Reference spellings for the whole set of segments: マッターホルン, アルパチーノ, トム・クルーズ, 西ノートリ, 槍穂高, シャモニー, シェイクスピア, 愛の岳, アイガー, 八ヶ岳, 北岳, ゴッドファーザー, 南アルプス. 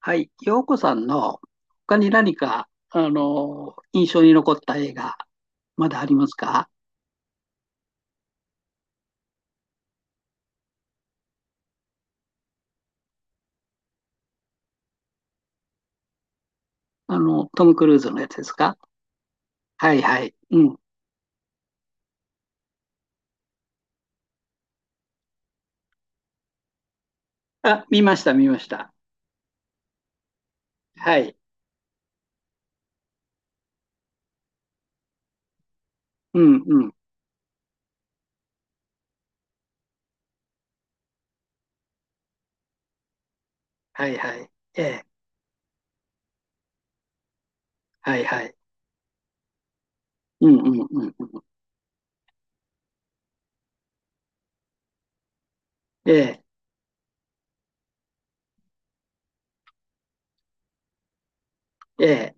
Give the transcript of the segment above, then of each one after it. はい、洋子さんの他に何か、印象に残った映画、まだありますか？トム・クルーズのやつですか？はいはい。うん。あ、見ました、見ました。はい。うんうん。はいはい。ええ、はいはい。うんうんうん。ええ、ええ。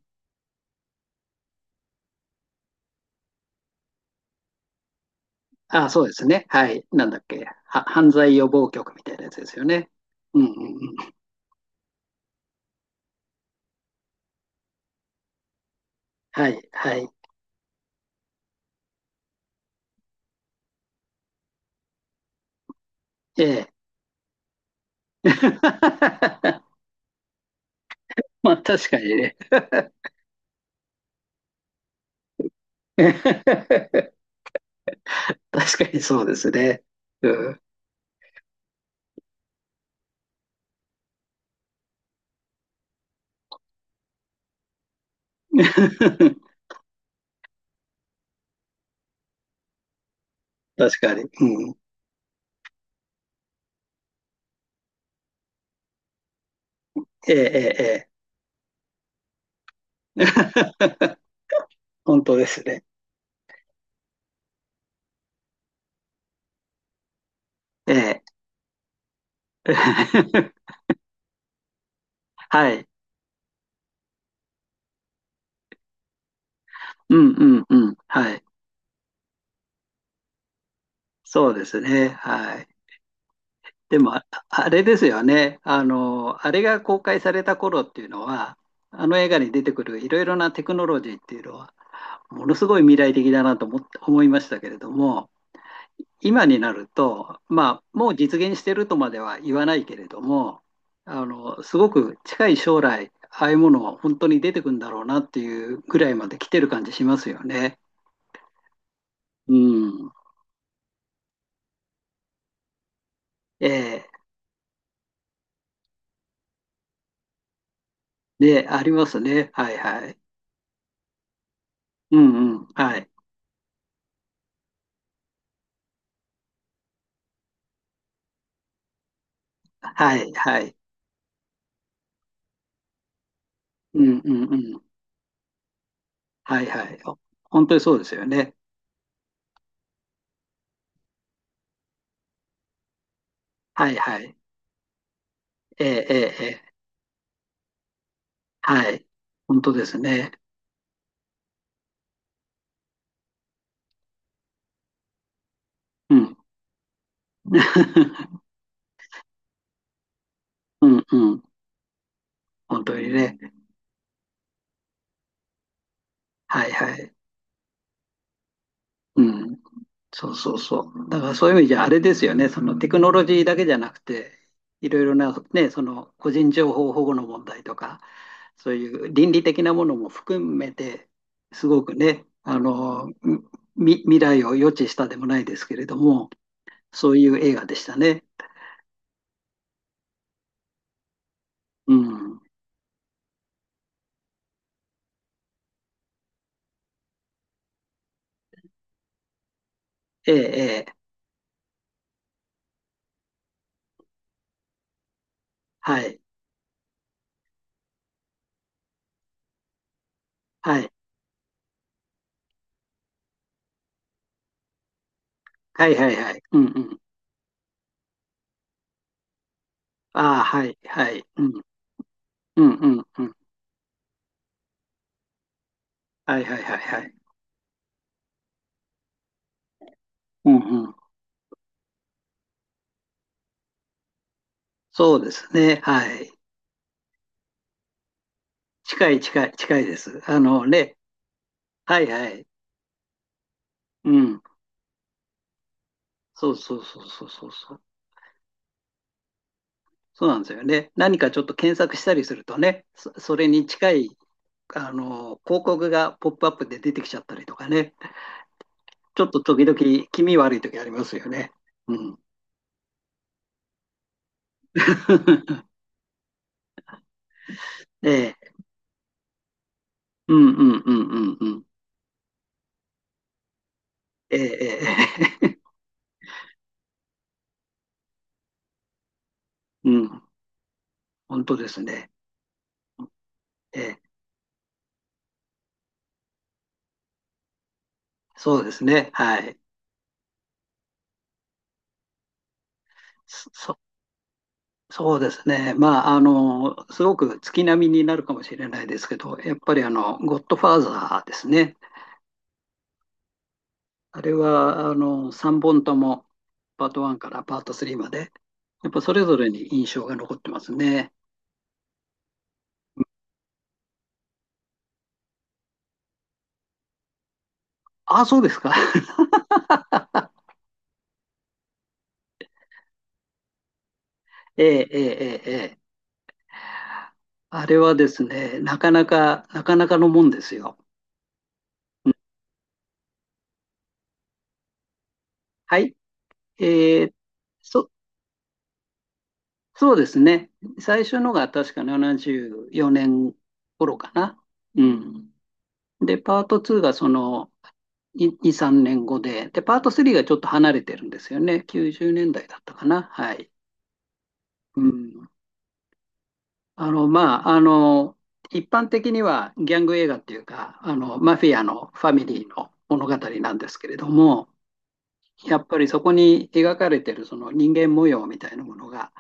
あ、そうですね。はい。なんだっけ。犯罪予防局みたいなやつですよね。うんうんうん。はい、はい。ええ。まあ、確かにね。確かにそうですね。うん。確かに。うん。ええ、ええ、ええ。本当ですね。ええ。はい。うん、うん、うん。はい。そうですね。はい。でも、ああれですよね。あの、あれが公開された頃っていうのは、あの映画に出てくるいろいろなテクノロジーっていうのは、ものすごい未来的だなと思って、思いましたけれども、今になると、まあ、もう実現してるとまでは言わないけれども、あの、すごく近い将来、ああいうものは本当に出てくるんだろうなっていうぐらいまで来てる感じしますよね。うん。ええ。で、ありますね。はいはい。うんうん。はい。はいはい。うんうんうん。はいはい。本当にそうですよね。はいはい。ええええ。ええはい。本当ですね。うん。うんうん。本当にね。はいはい。うん。そうそうそう。だからそういう意味じゃあれですよね。そのテクノロジーだけじゃなくて、いろいろな、ね、その個人情報保護の問題とか、そういう倫理的なものも含めて、すごくね、あの、未来を予知したでもないですけれども、そういう映画でしたね。うん。ええ、ええ、はい、はい、はい、はい、はい。うん、うん。ああ、はい、はい。うん、うん、うん、うん。はい、はい、はい、はい。うん、うん。そうですね。はい。近い近い近いです。あのね、はいはい。うん。そうそうそうそうそうそう。そうなんですよね。何かちょっと検索したりするとね、それに近い、あの、広告がポップアップで出てきちゃったりとかね。ちょっと時々気味悪い時ありますよね。うん。ええ。うんうんうんうんうん。ええ、ええ、ええ うん。本当ですね。ええ。そうですね。はい。そ、そうですね。まあ、あの、すごく月並みになるかもしれないですけど、やっぱりあの、ゴッドファーザーですね。あれは、あの、3本とも、パート1からパート3まで、やっぱそれぞれに印象が残ってますね。ああ、そうですか。ええ、ええ、ええ、ええあれはですね、なかなかのもんですよ。はい。えー、そ、そうですね。最初のが確か74年頃かな。うん。で、パート2がその2、3年後で、パート3がちょっと離れてるんですよね。90年代だいだったかな。はい。うん。あの、まあ、あの、一般的にはギャング映画っていうか、あの、マフィアのファミリーの物語なんですけれども、やっぱりそこに描かれてるその人間模様みたいなものが、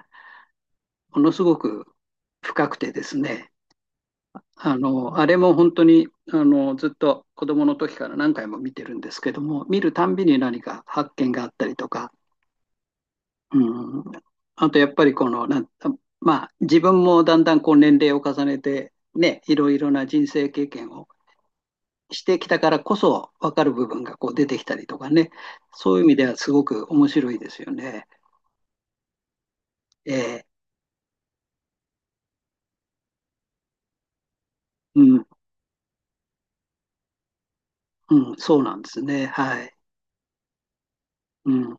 ものすごく深くてですね、あの、あれも本当に、あの、ずっと子供の時から何回も見てるんですけども、見るたんびに何か発見があったりとか、うん、あとやっぱりこの、まあ、自分もだんだんこう年齢を重ねて、ね、いろいろな人生経験をしてきたからこそ分かる部分がこう出てきたりとかね、そういう意味ではすごく面白いですよね。えうん、うん、そうなんですね。はい。うん。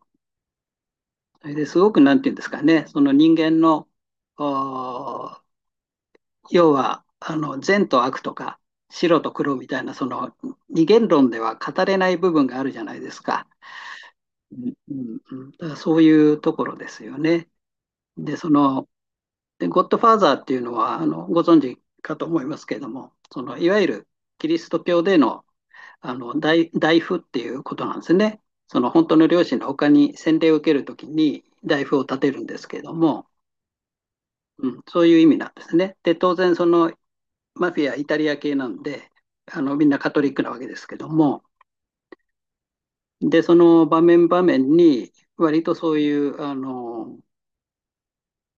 それですごく、なんていうんですかね、その人間の、あー要はあの善と悪とか白と黒みたいなその二元論では語れない部分があるじゃないですか。うんうんだからそういうところですよね。で、そのゴッドファーザーっていうのはあのご存知かと思いますけれども、そのいわゆるキリスト教でのあの大夫っていうことなんですね。その本当の両親の他に洗礼を受けるときに大夫を立てるんですけども、うん、そういう意味なんですね。で、当然そのマフィア、イタリア系なんで、あのみんなカトリックなわけですけども、で、その場面場面に、割とそういうあの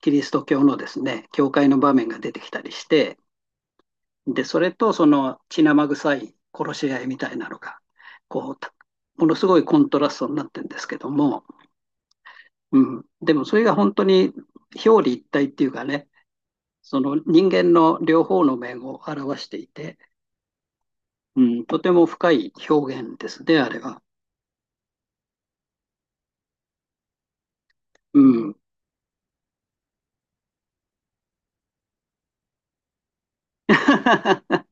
キリスト教のですね、教会の場面が出てきたりして、で、それとその血生臭い殺し合いみたいなのが、こう、ものすごいコントラストになってるんですけども、うん、でもそれが本当に表裏一体っていうかね、その人間の両方の面を表していて、うん、とても深い表現ですね、あれは。うん あ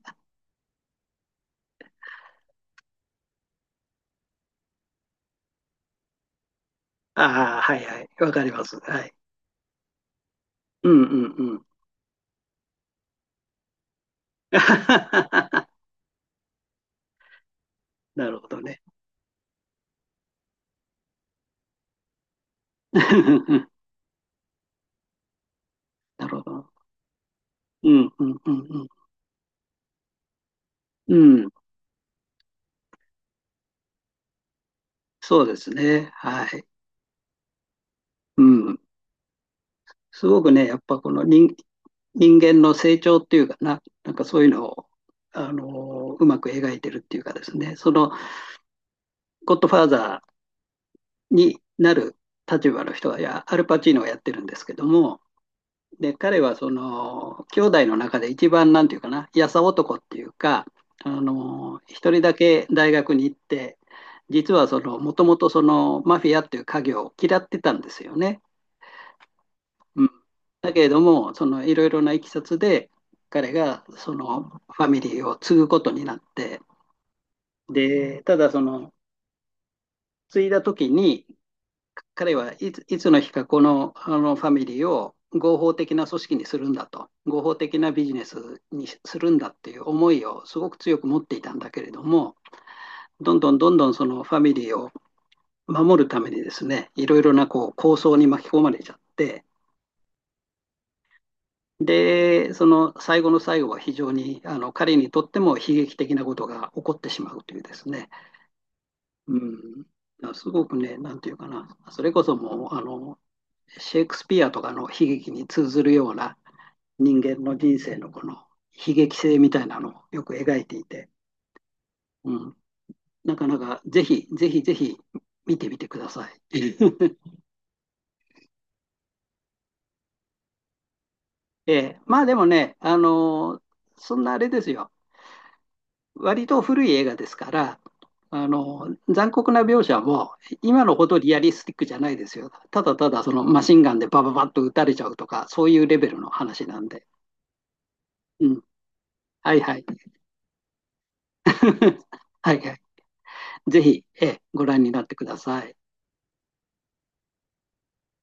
あ、はいはい。わかります。はい。うんうんうん。なるほどね。なるほど。うんうんうんうん。うん。そうですね。はい。うん。すごくね、やっぱこの人、人間の成長っていうかな、なんかそういうのを、うまく描いてるっていうかですね、その、ゴッドファーザーになる立場の人は、いや、アルパチーノがやってるんですけども、で、彼はその、兄弟の中で一番なんていうかな、やさ男っていうか、あの、一人だけ大学に行って、実はその、もともとその、マフィアっていう家業を嫌ってたんですよね。うん、だけれども、その、いろいろないきさつで、彼がその、ファミリーを継ぐことになって、で、ただその、継いだ時に、彼はいつの日かこの、あのファミリーを合法的な組織にするんだと、合法的なビジネスにするんだっていう思いをすごく強く持っていたんだけれども、どんどんどんどんそのファミリーを守るためにですね、いろいろなこう構想に巻き込まれちゃって、で、その最後の最後は非常にあの彼にとっても悲劇的なことが起こってしまうというですね、うん、すごくね、なんていうかな、それこそもうあのシェイクスピアとかの悲劇に通ずるような人間の人生のこの悲劇性みたいなのをよく描いていて、うん、なかなかぜひぜひぜひ見てみてください。ええ、まあでもね、そんなあれですよ。割と古い映画ですから、あの残酷な描写も今のほどリアリスティックじゃないですよ。ただただそのマシンガンでバババッと撃たれちゃうとか、そういうレベルの話なんで。うん。はいはい。はいはい。ぜひ、ご覧になってください。